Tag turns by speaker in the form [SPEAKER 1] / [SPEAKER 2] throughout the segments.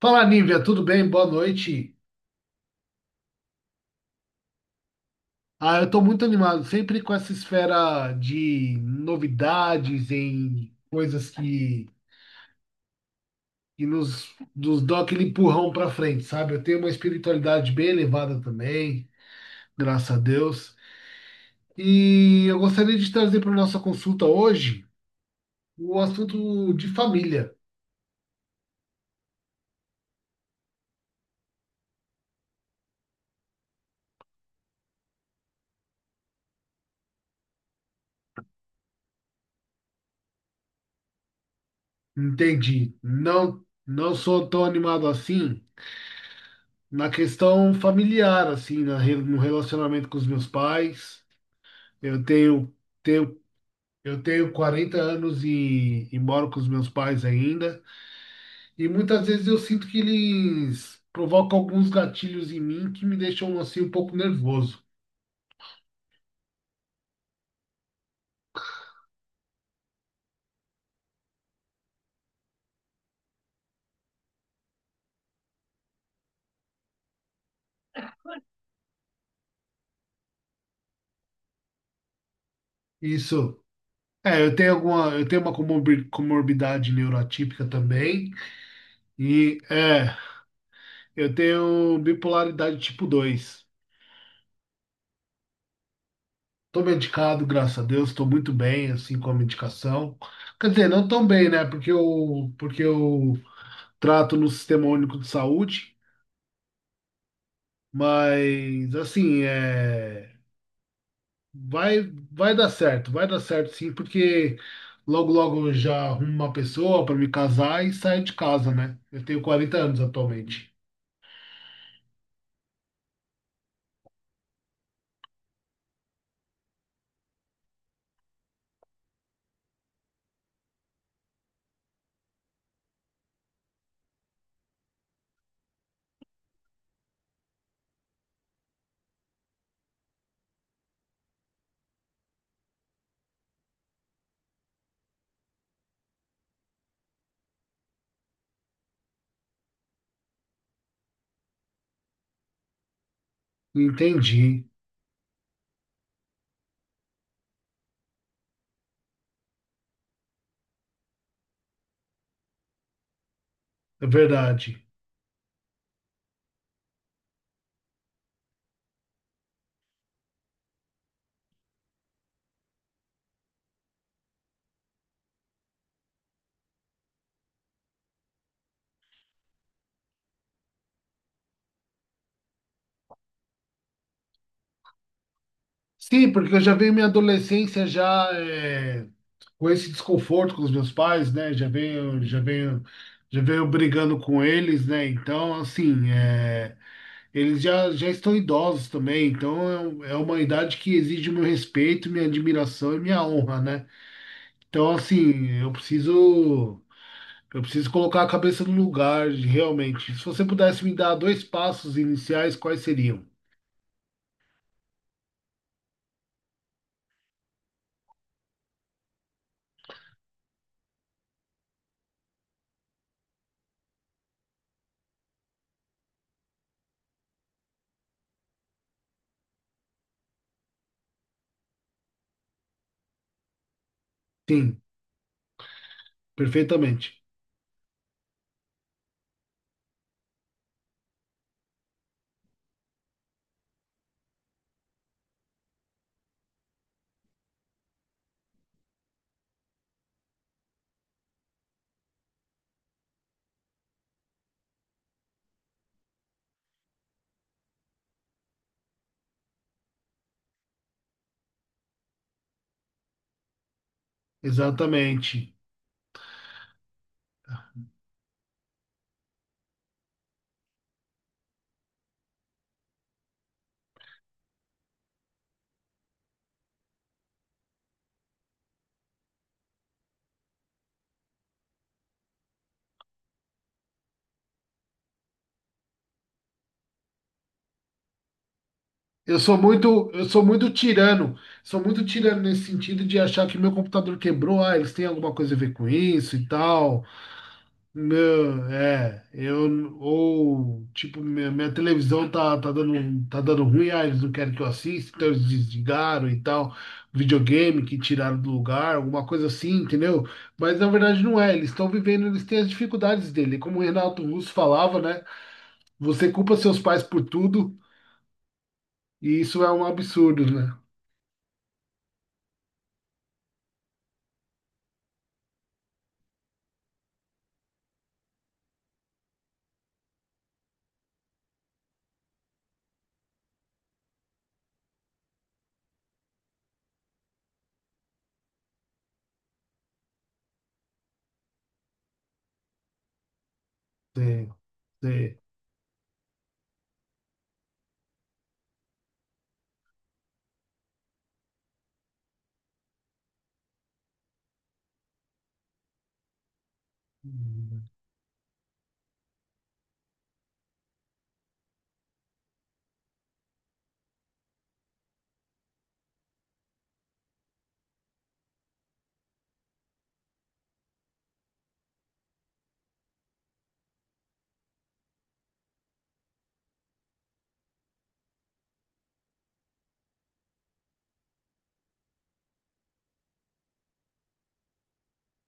[SPEAKER 1] Fala, Nívia, tudo bem? Boa noite. Eu tô muito animado, sempre com essa esfera de novidades em coisas que nos dão aquele empurrão pra frente, sabe? Eu tenho uma espiritualidade bem elevada também, graças a Deus. E eu gostaria de trazer para nossa consulta hoje o assunto de família. Entendi. Não, não sou tão animado assim na questão familiar, assim, no relacionamento com os meus pais. Eu tenho, tenho, eu tenho 40 anos e moro com os meus pais ainda. E muitas vezes eu sinto que eles provocam alguns gatilhos em mim que me deixam assim um pouco nervoso. Isso. Eu tenho uma comorbidade neuroatípica também. E é, eu tenho bipolaridade tipo 2. Tô medicado, graças a Deus, estou muito bem assim com a medicação. Quer dizer, não tão bem, né? Porque eu trato no Sistema Único de Saúde. Mas assim, é, vai vai dar certo sim, porque logo logo eu já arrumo uma pessoa para me casar e sair de casa, né? Eu tenho 40 anos atualmente. Entendi, é verdade. Sim, porque eu já venho minha adolescência já é, com esse desconforto com os meus pais, né? Já venho brigando com eles, né? Então, assim, é, eles já estão idosos também, então é, é uma idade que exige meu respeito, minha admiração e minha honra, né? Então, assim, eu preciso colocar a cabeça no lugar, realmente. Se você pudesse me dar dois passos iniciais, quais seriam? Sim, perfeitamente. Exatamente. Eu sou muito tirano. Sou muito tirano nesse sentido de achar que meu computador quebrou, ah, eles têm alguma coisa a ver com isso e tal. Meu, é, eu ou tipo minha, minha televisão tá dando ruim, ah, eles não querem que eu assista, então eles desligaram e tal, videogame que tiraram do lugar, alguma coisa assim, entendeu? Mas na verdade não é, eles estão vivendo, eles têm as dificuldades dele, como o Renato Russo falava, né? Você culpa seus pais por tudo e isso é um absurdo, né? Sim, sim.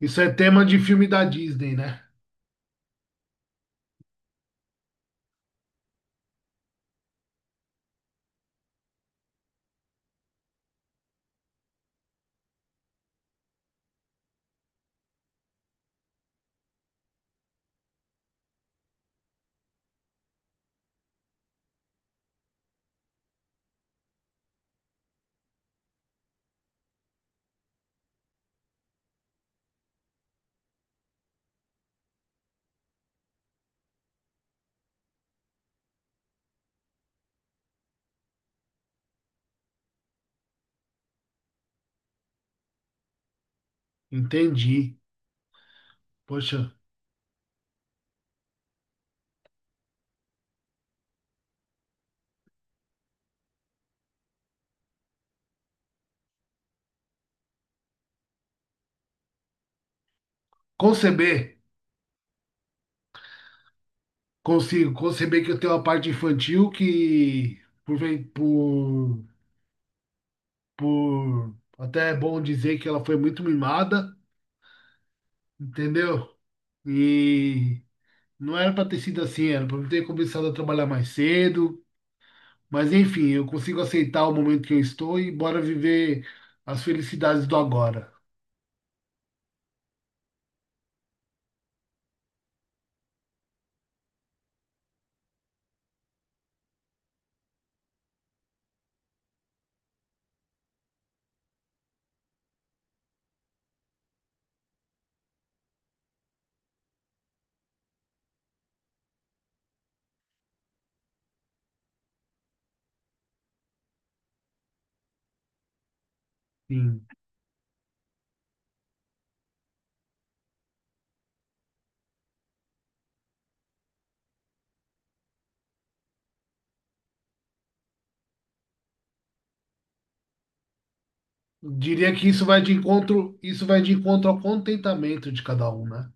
[SPEAKER 1] Isso é tema de filme da Disney, né? Entendi. Poxa, conceber. Consigo conceber que eu tenho uma parte infantil que, por até é bom dizer que ela foi muito mimada, entendeu? E não era para ter sido assim, era para ter começado a trabalhar mais cedo. Mas enfim, eu consigo aceitar o momento que eu estou e bora viver as felicidades do agora. Sim. Diria que isso vai de encontro, isso vai de encontro ao contentamento de cada um, né?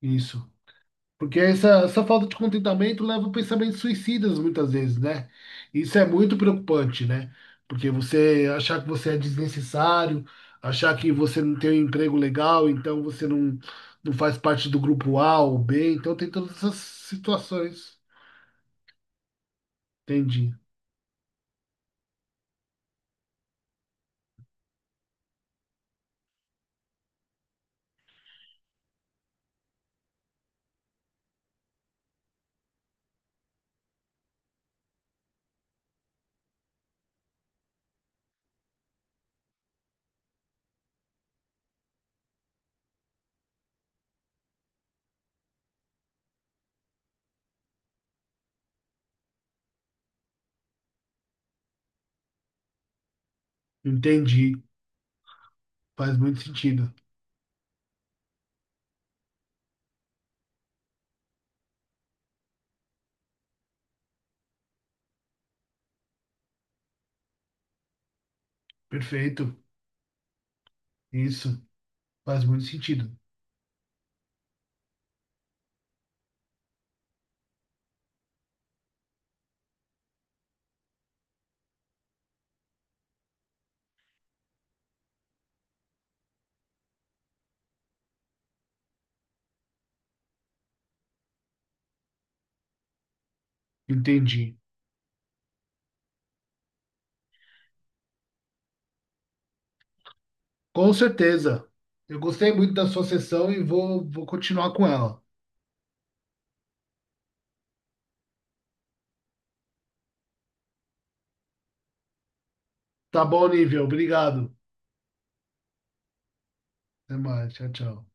[SPEAKER 1] Isso. Porque essa falta de contentamento leva a pensamentos suicidas muitas vezes, né? Isso é muito preocupante, né? Porque você achar que você é desnecessário, achar que você não tem um emprego legal, então você não, não faz parte do grupo A ou B. Então tem todas essas situações. Entendi. Entendi. Faz muito sentido. Perfeito. Isso. Faz muito sentido. Entendi. Com certeza. Eu gostei muito da sua sessão e vou continuar com ela. Tá bom, nível. Obrigado. Até mais. Tchau, tchau.